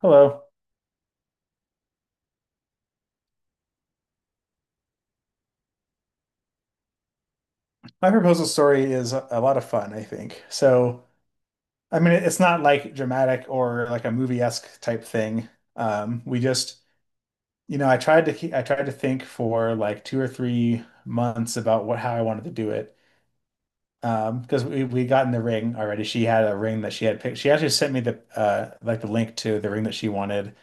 Hello. My proposal story is a lot of fun, I think. So, I mean, it's not like dramatic or like a movie-esque type thing. Um, we just, I tried to keep, I tried to think for like 2 or 3 months about what how I wanted to do it. Because we got in the ring already. She had a ring that she had picked. She actually sent me the like the link to the ring that she wanted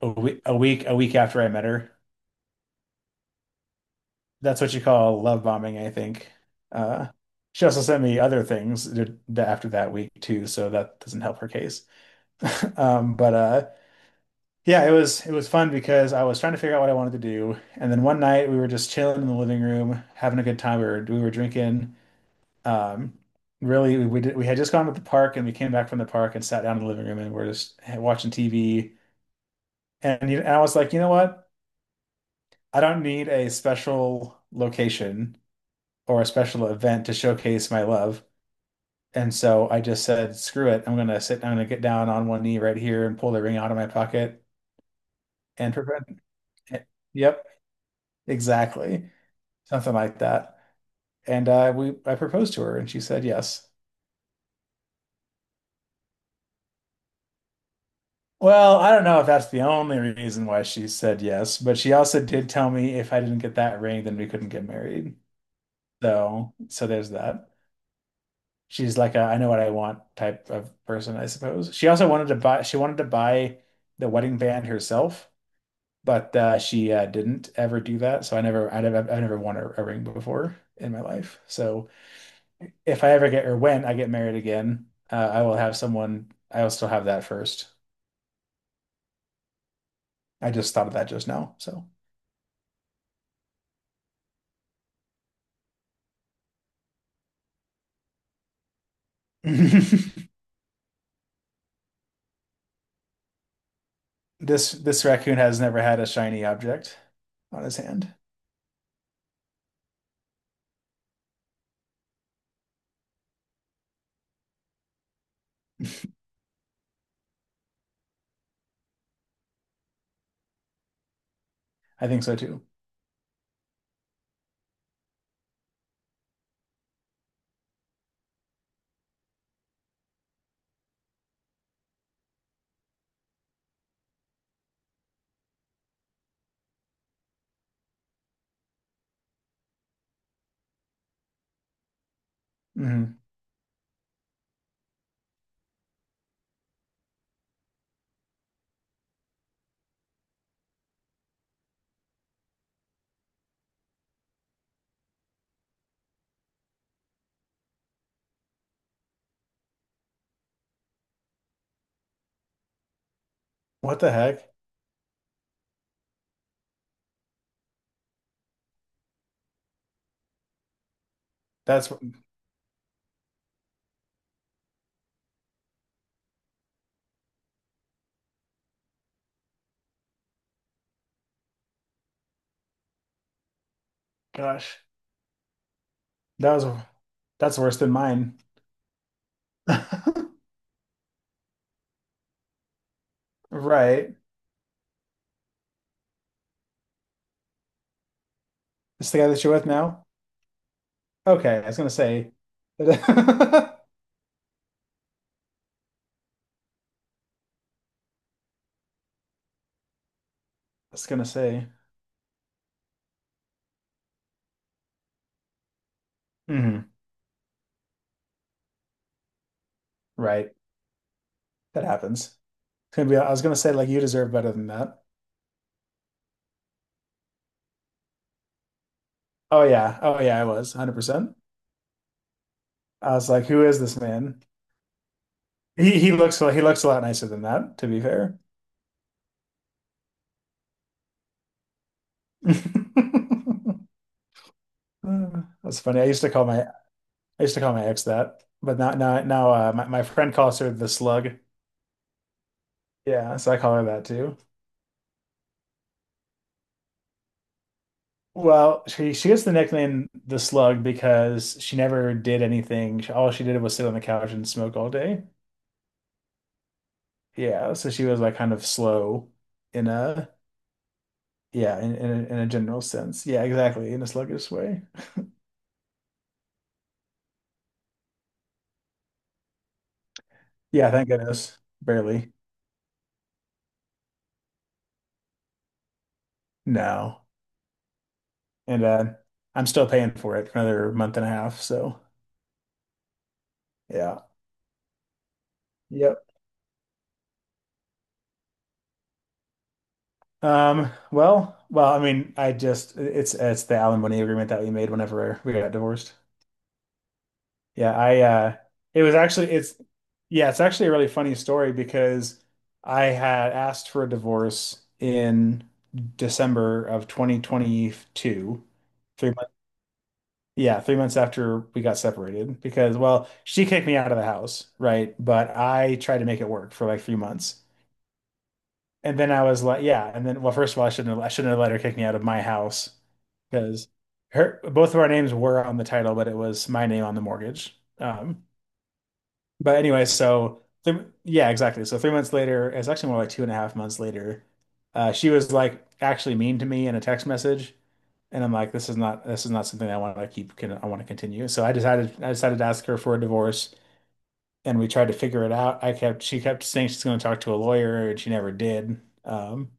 a week after I met her. That's what you call love bombing, I think. Uh, she also sent me other things after that week too, so that doesn't help her case. But yeah, it was fun because I was trying to figure out what I wanted to do, and then one night we were just chilling in the living room, having a good time. We were drinking. Um, really, we had just gone to the park, and we came back from the park and sat down in the living room, and we're just watching TV. And I was like, you know what? I don't need a special location or a special event to showcase my love. And so I just said, screw it. I'm going to get down on one knee right here and pull the ring out of my pocket and prevent it. Yep, exactly. Something like that. I proposed to her and she said yes. Well, I don't know if that's the only reason why she said yes, but she also did tell me if I didn't get that ring, then we couldn't get married. So, there's that. She's like a I know what I want type of person, I suppose. She wanted to buy the wedding band herself, but she didn't ever do that. So I've never won a ring before in my life. So if I ever get or when I get married again, I will have someone I will still have that first. I just thought of that just now. So this this raccoon has never had a shiny object on his hand. I think so too. Hmm. What the heck? That's gosh. That was that's worse than mine. Right. It's the guy that you're with now? Okay, I was gonna say. I was gonna say. Hmm. Right. That happens. It's gonna be I was gonna say like you deserve better than that. Oh yeah. Oh yeah, I was 100%. I was like, who is this man? He looks he looks a lot nicer than that, to be fair. That's funny. I used to call my ex that, but now now now my friend calls her the slug. Yeah, so I call her that. Well, she gets the nickname the Slug because she never did anything. All she did was sit on the couch and smoke all day. Yeah, so she was like kind of slow in a yeah, in a general sense. Yeah, exactly, in a sluggish way. Yeah, thank goodness. Barely. No. And I'm still paying for it for another month and a half, so yeah. Yep. I mean, I just it's the alimony agreement that we made whenever we got divorced. Yeah, I it's yeah, it's actually a really funny story because I had asked for a divorce in December of 2022, three months yeah, 3 months after we got separated because well, she kicked me out of the house, right? But I tried to make it work for like 3 months. And then I was like, yeah, and then well, first of all, I shouldn't have let her kick me out of my house because her both of our names were on the title, but it was my name on the mortgage. But anyway, yeah, exactly. So 3 months later, it's actually more like two and a half months later, she was like actually mean to me in a text message, and I'm like, this is not something I want to keep. Can I want to continue? So I decided to ask her for a divorce, and we tried to figure it out. I kept she kept saying she's going to talk to a lawyer, and she never did.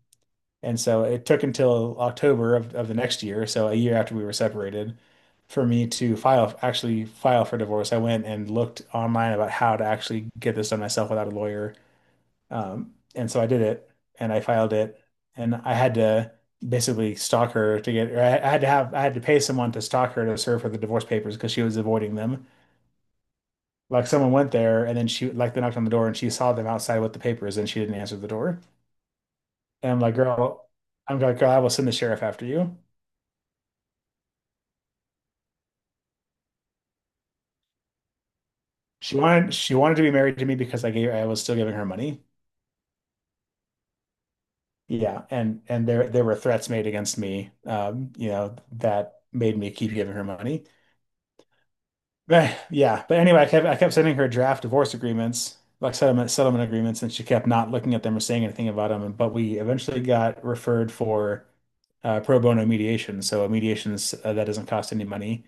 And so it took until October of the next year, so a year after we were separated, for me to file, actually file for divorce. I went and looked online about how to actually get this done myself without a lawyer. And so I did it and I filed it. And I had to basically stalk her to get, or I had to have, I had to pay someone to stalk her to serve her the divorce papers because she was avoiding them. Like someone went there and then she, like they knocked on the door and she saw them outside with the papers and she didn't answer the door. And I'm like, girl, I will send the sheriff after you. She wanted to be married to me because I was still giving her money. Yeah, and there were threats made against me, you know, that made me keep giving her money. But yeah, but anyway, I kept sending her draft divorce agreements, like settlement agreements, and she kept not looking at them or saying anything about them. But we eventually got referred for pro bono mediation, so a mediation is, that doesn't cost any money.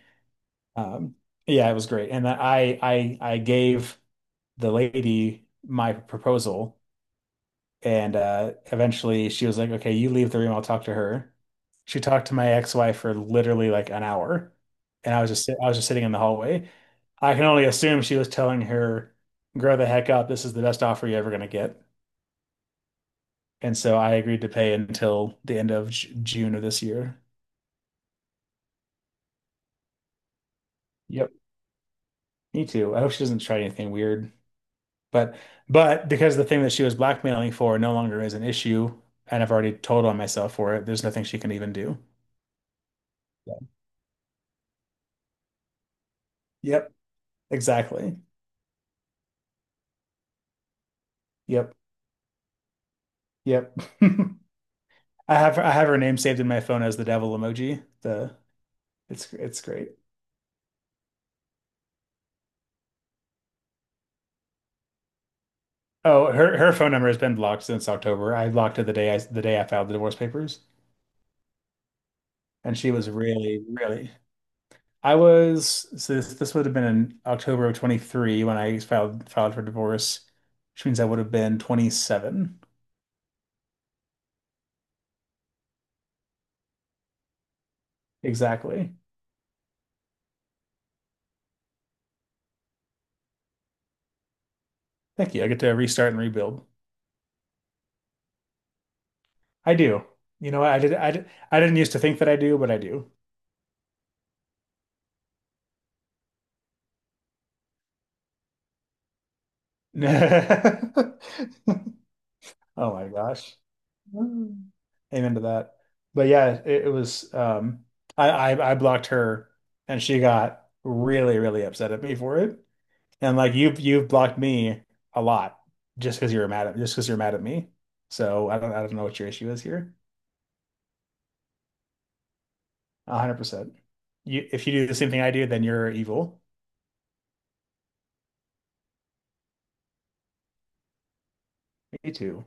Um, yeah, it was great, and I gave the lady my proposal. And eventually she was like, okay, you leave the room. I'll talk to her. She talked to my ex-wife for literally like an hour. And I was just, I was just sitting in the hallway. I can only assume she was telling her, grow the heck up. This is the best offer you're ever going to get. And so I agreed to pay until the end of J June of this year. Yep. Me too. I hope she doesn't try anything weird. But, but because the thing that she was blackmailing for no longer is an issue, and I've already told on myself for it, there's nothing she can even do. Yeah. Yep. Exactly. Yep. Yep. I I have her name saved in my phone as the devil emoji. The it's great. Oh, her phone number has been blocked since October. I blocked her the day I filed the divorce papers, and she was really really. I was so this would have been in October of 23 when I filed for divorce, which means I would have been 27 exactly. Thank you. I get to restart and rebuild. I do. You know, what? I did, I didn't used to think that I do, but I do. Oh my gosh. Mm. Amen to that. But yeah, it was I blocked her and she got really, really upset at me for it. And like you've blocked me a lot just because you're mad at just because you're mad at me. So I don't know what your issue is here. 100%. You if you do the same thing I do, then you're evil. Me too.